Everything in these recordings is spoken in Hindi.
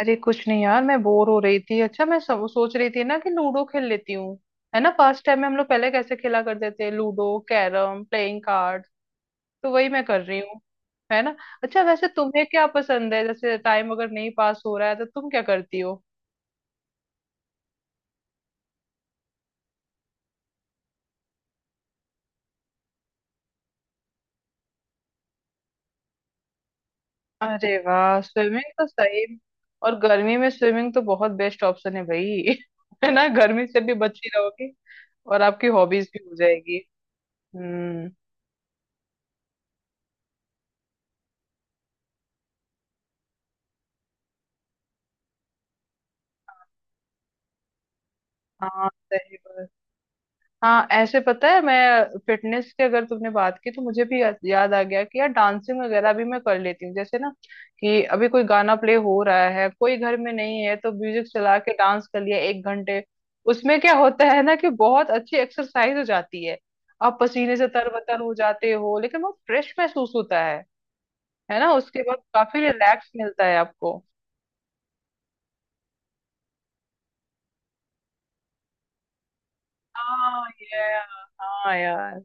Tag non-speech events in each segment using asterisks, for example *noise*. अरे कुछ नहीं यार, मैं बोर हो रही थी। अच्छा, मैं सोच रही थी ना कि लूडो खेल लेती हूँ। है ना, पास्ट टाइम में हम लोग पहले कैसे खेला करते थे, लूडो, कैरम, प्लेइंग कार्ड, तो वही मैं कर रही हूँ। है ना। अच्छा, वैसे तुम्हें क्या पसंद है, जैसे टाइम अगर नहीं पास हो रहा है तो तुम क्या करती हो? अरे वाह, स्विमिंग तो सही। और गर्मी में स्विमिंग तो बहुत बेस्ट ऑप्शन है भाई। *laughs* है ना, गर्मी से भी बची रहोगी। और आपकी हॉबीज भी हो जाएगी। हम्म। हाँ, सही बात। हाँ, ऐसे पता है मैं फिटनेस की अगर तुमने बात की तो मुझे भी याद आ गया कि यार डांसिंग वगैरह भी मैं कर लेती हूँ। जैसे ना, कि अभी कोई गाना प्ले हो रहा है, कोई घर में नहीं है तो म्यूजिक चला के डांस कर लिया 1 घंटे। उसमें क्या होता है ना, कि बहुत अच्छी एक्सरसाइज हो जाती है। आप पसीने से तरबतर हो जाते हो, लेकिन बहुत फ्रेश महसूस होता है। है ना, उसके बाद काफी रिलैक्स मिलता है आपको। हाँ यार। हाँ यार।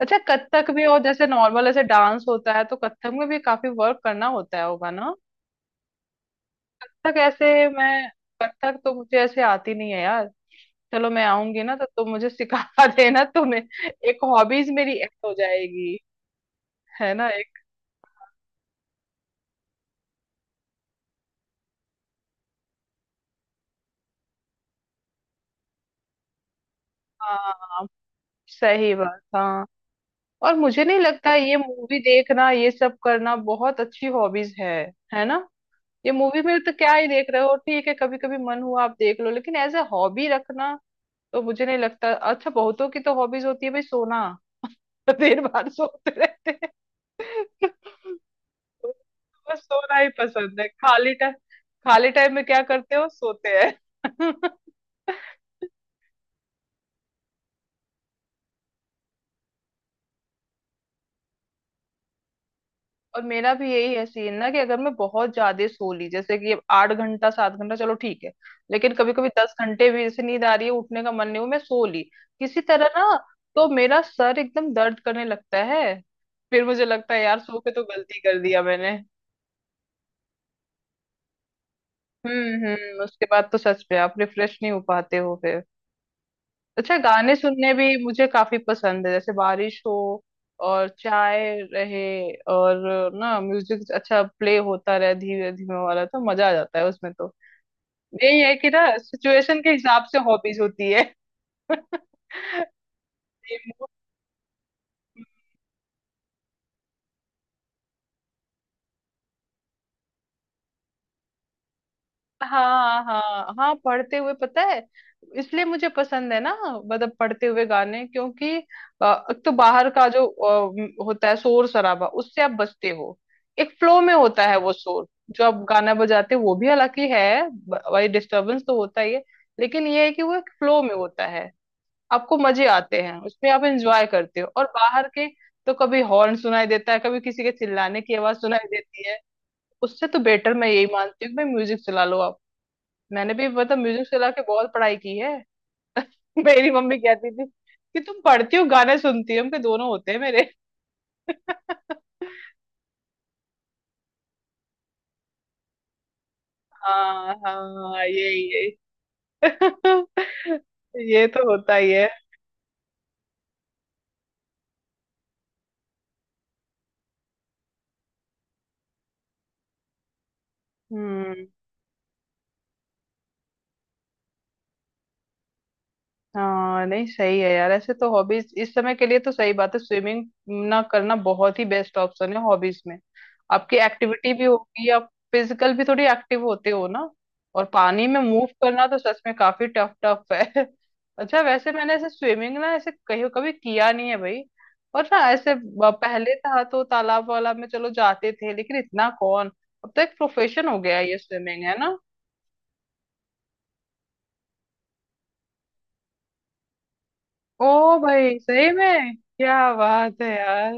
अच्छा, कथक भी, और जैसे नॉर्मल ऐसे डांस होता है, तो कथक में भी काफी वर्क करना होता है, होगा ना? कथक ऐसे मैं, कथक तो मुझे ऐसे आती नहीं है यार। चलो मैं आऊंगी ना तो तुम मुझे सिखा *laughs* देना। तुम्हें, एक हॉबीज मेरी ऐड हो जाएगी। है ना, एक। हाँ, सही बात। हाँ, और मुझे नहीं लगता ये मूवी देखना ये सब करना बहुत अच्छी हॉबीज है। है ना, ये मूवी में तो क्या ही देख रहे हो। ठीक है, कभी कभी मन हुआ आप देख लो, लेकिन एज ए हॉबी रखना तो मुझे नहीं लगता अच्छा। बहुतों की तो हॉबीज होती है भाई सोना। *laughs* देर बार सोते रहते हैं। *laughs* बस सोना ही पसंद है, खाली टाइम। खाली टाइम में क्या करते हो? सोते हैं। *laughs* और मेरा भी यही है सीन ना, कि अगर मैं बहुत ज्यादा सो ली, जैसे कि अब 8 घंटा 7 घंटा चलो ठीक है। लेकिन कभी कभी 10 घंटे भी, जैसे नींद आ रही है, उठने का मन नहीं हो, मैं सो ली किसी तरह ना, तो मेरा सर एकदम दर्द करने लगता है। फिर मुझे लगता है यार, सो के तो गलती कर दिया मैंने। हम्म, उसके बाद तो सच में आप रिफ्रेश नहीं हो पाते हो फिर। अच्छा, गाने सुनने भी मुझे काफी पसंद है, जैसे बारिश हो और चाय रहे, और ना म्यूजिक अच्छा प्ले होता रहे, धीरे धीमे वाला, तो मजा आ जाता है उसमें तो। यही है कि ना, सिचुएशन के हिसाब से हॉबीज होती है। *laughs* मूड। हाँ हाँ हाँ, पढ़ते हुए पता है, इसलिए मुझे पसंद है ना, मतलब पढ़ते हुए गाने, क्योंकि एक तो बाहर का जो होता है शोर शराबा, उससे आप बचते हो। एक फ्लो में होता है वो, शोर जो आप गाना बजाते हो वो भी, हालांकि है भाई, डिस्टरबेंस तो होता ही है। लेकिन ये है कि वो एक फ्लो में होता है। आपको मजे आते हैं उसमें, आप एंजॉय करते हो, और बाहर के तो कभी हॉर्न सुनाई देता है, कभी किसी के चिल्लाने की आवाज सुनाई देती है। उससे तो बेटर मैं यही मानती हूँ कि भाई म्यूजिक चला लो आप। मैंने भी मतलब म्यूजिक चला के बहुत पढ़ाई की है। *laughs* मेरी मम्मी कहती थी कि तुम पढ़ती हो, गाने सुनती हो, हम के दोनों होते हैं मेरे। *laughs* हाँ हाँ, यही यही। *laughs* ये तो होता ही है। हम्म। हाँ, नहीं सही है यार, ऐसे तो हॉबीज इस समय के लिए तो सही बात है स्विमिंग ना करना, बहुत ही बेस्ट ऑप्शन है हॉबीज में। आपकी एक्टिविटी भी होगी, आप फिजिकल भी थोड़ी एक्टिव होते हो ना। और पानी में मूव करना तो सच में काफी टफ टफ है। *laughs* अच्छा, वैसे मैंने ऐसे स्विमिंग ना ऐसे कहीं कभी किया नहीं है भाई। और ना ऐसे पहले था तो तालाब वाला में चलो जाते थे, लेकिन इतना कौन। अब तो एक प्रोफेशन हो गया है ये, स्विमिंग, है ना। ओ भाई, सही में क्या बात है यार।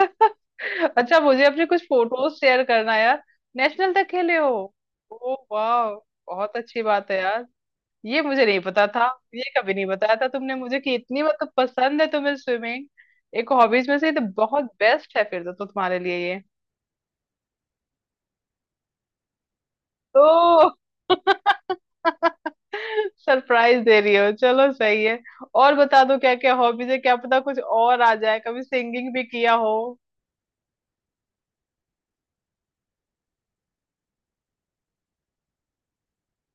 *laughs* अच्छा, मुझे अपने कुछ फोटोज शेयर करना यार। नेशनल तक खेले हो? ओ वाह, बहुत अच्छी बात है यार। ये मुझे नहीं पता था। ये कभी नहीं बताया था तुमने मुझे कि इतनी मतलब पसंद है तुम्हें स्विमिंग। एक हॉबीज में से ये तो बहुत बेस्ट है फिर तो तुम्हारे लिए ये तो। *laughs* सरप्राइज दे रही हो, चलो सही है। और बता दो क्या क्या हॉबीज है, क्या पता कुछ और आ जाए, कभी सिंगिंग भी किया हो।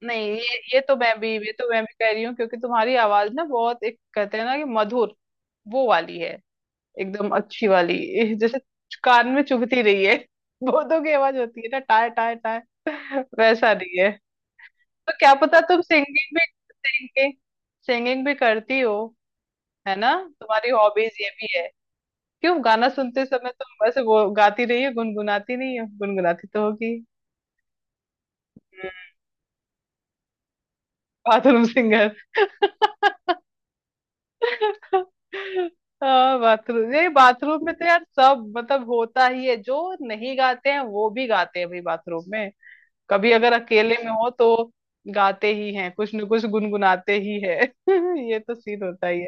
नहीं ये, ये तो मैं भी, ये तो मैं भी कह रही हूँ, क्योंकि तुम्हारी आवाज ना बहुत, एक कहते हैं ना कि मधुर, वो वाली है। एकदम अच्छी वाली ये, जैसे कान में चुभती रही है। *laughs* भूतों की आवाज होती है ना, टाय टाय टाय, वैसा नहीं है। तो क्या पता तुम सिंगिंग भी, सिंगिंग, सिंगिंग भी करती हो, है ना, तुम्हारी हॉबीज ये भी है। क्यों, गाना सुनते समय तुम बस वो गाती रही हो, गुनगुनाती नहीं हो? गुनगुनाती तो होगी। Bathroom singer. *laughs* हाँ बाथरूम, नहीं बाथरूम में तो यार सब मतलब होता ही है, जो नहीं गाते हैं वो भी गाते हैं भाई बाथरूम में। कभी अगर अकेले में हो तो गाते ही हैं, कुछ न कुछ गुनगुनाते ही है। *laughs* ये तो सीन होता ही है।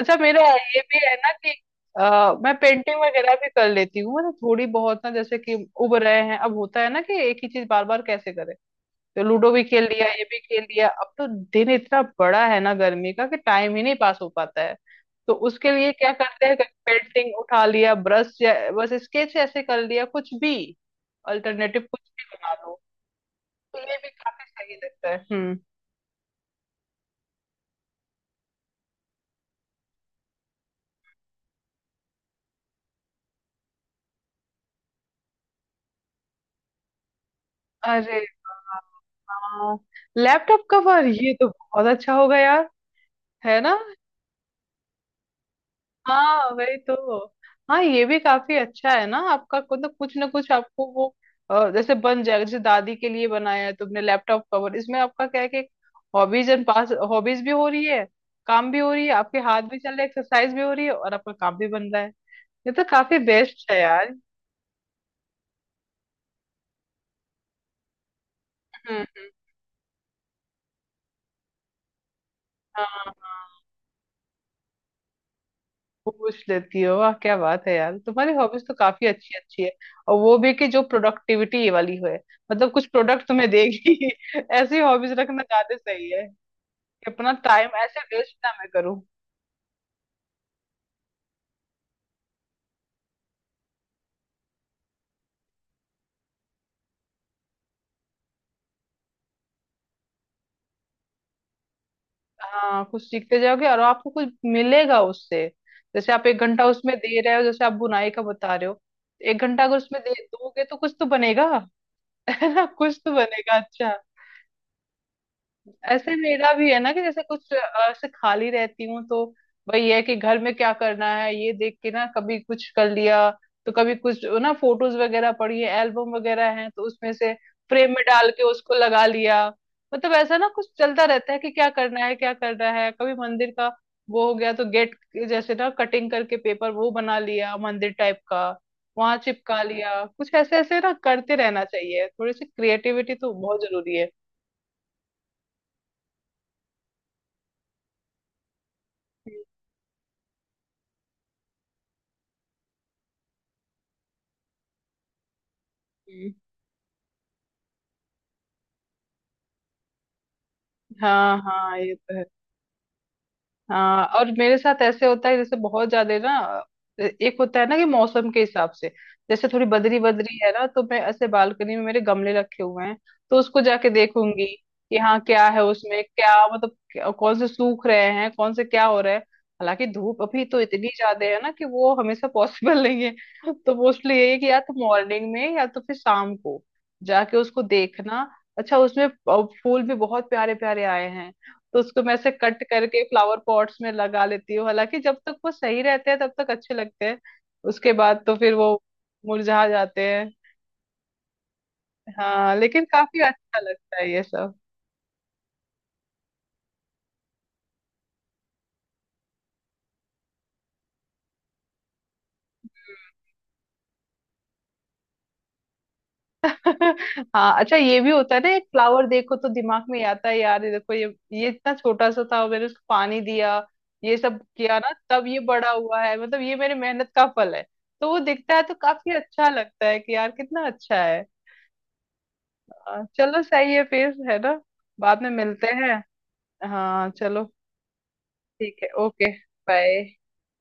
अच्छा, मेरा ये भी है ना कि मैं पेंटिंग वगैरह भी कर लेती हूँ, मतलब थोड़ी बहुत ना, जैसे कि उब रहे हैं, अब होता है ना कि एक ही चीज बार बार कैसे करें, तो लूडो भी खेल लिया, ये भी खेल लिया, अब तो दिन इतना बड़ा है ना गर्मी का कि टाइम ही नहीं पास हो पाता है, तो उसके लिए क्या करते हैं, पेंटिंग उठा लिया ब्रश, या बस स्केच ऐसे कर लिया कुछ भी, अल्टरनेटिव कुछ भी बना लो, तो ये भी काफी सही लगता है। हम्म। अरे वाह, हाँ, लैपटॉप कवर ये तो बहुत अच्छा होगा यार। है ना। हाँ वही तो। हाँ, ये भी काफी अच्छा है ना आपका, मतलब कुछ ना कुछ आपको वो जैसे बन जाएगा, जैसे दादी के लिए बनाया है तुमने लैपटॉप कवर, इसमें आपका क्या है कि हॉबीज एंड पास, हॉबीज भी हो रही है, काम भी हो रही है, आपके हाथ भी चल रहे हैं, एक्सरसाइज भी हो रही है, और आपका काम भी बन रहा है। ये तो काफी बेस्ट है यार। हम्म। हाँ, पूछ लेती हो, वाह क्या बात है यार, तुम्हारी हॉबीज तो काफी अच्छी अच्छी है। और वो भी कि जो प्रोडक्टिविटी वाली हो, मतलब कुछ प्रोडक्ट तुम्हें देगी। *laughs* ऐसी हॉबीज रखना ज्यादा सही, कि अपना टाइम ऐसे वेस्ट ना मैं करूँ। हाँ, कुछ सीखते जाओगे और आपको कुछ मिलेगा उससे। जैसे आप 1 घंटा उसमें दे रहे हो, जैसे आप बुनाई का बता रहे हो, 1 घंटा अगर उसमें दे दोगे तो कुछ तो बनेगा। *laughs* है ना, कुछ तो बनेगा। अच्छा, ऐसे मेरा भी है ना कि जैसे कुछ ऐसे खाली रहती हूँ तो वही है कि घर में क्या करना है ये देख के ना, कभी कुछ कर लिया तो कभी कुछ ना, फोटोज वगैरह पड़ी है, एल्बम वगैरह है, तो उसमें से फ्रेम में डाल के उसको लगा लिया। मतलब ऐसा ना कुछ चलता रहता है कि क्या करना है क्या करना है, कभी मंदिर का वो हो गया तो गेट, जैसे ना कटिंग करके पेपर वो बना लिया मंदिर टाइप का, वहां चिपका लिया। कुछ ऐसे ऐसे ना करते रहना चाहिए, थोड़ी सी क्रिएटिविटी तो बहुत जरूरी है। हम्म। हाँ हाँ, ये तो है। हाँ, और मेरे साथ ऐसे होता है जैसे बहुत ज्यादा ना, एक होता है ना कि मौसम के हिसाब से, जैसे थोड़ी बदरी बदरी है ना तो मैं ऐसे बालकनी में, मेरे गमले रखे हुए हैं, तो उसको जाके देखूंगी कि हाँ क्या है उसमें, क्या मतलब, कौन से सूख रहे हैं, कौन से क्या हो रहा है। हालांकि धूप अभी तो इतनी ज्यादा है ना कि वो हमेशा पॉसिबल नहीं है, तो मोस्टली यही है कि या तो मॉर्निंग में या तो फिर शाम को जाके उसको देखना। अच्छा, उसमें फूल भी बहुत प्यारे प्यारे आए हैं, तो उसको मैं ऐसे कट करके फ्लावर पॉट्स में लगा लेती हूँ। हालांकि जब तक वो सही रहते हैं तब तक अच्छे लगते हैं, उसके बाद तो फिर वो मुरझा जाते हैं। हाँ, लेकिन काफी अच्छा लगता है ये सब। *laughs* हाँ, अच्छा ये भी होता है ना, एक फ्लावर देखो तो दिमाग में आता है यार, ये देखो ये इतना छोटा सा था, मैंने उसको पानी दिया, ये सब किया ना, तब ये बड़ा हुआ है, मतलब ये मेरी मेहनत का फल है। तो वो दिखता है तो काफी अच्छा लगता है कि यार कितना अच्छा है। हाँ, चलो सही है फिर, है ना, बाद में मिलते हैं। हाँ चलो। ठीक है, ओके, बाय।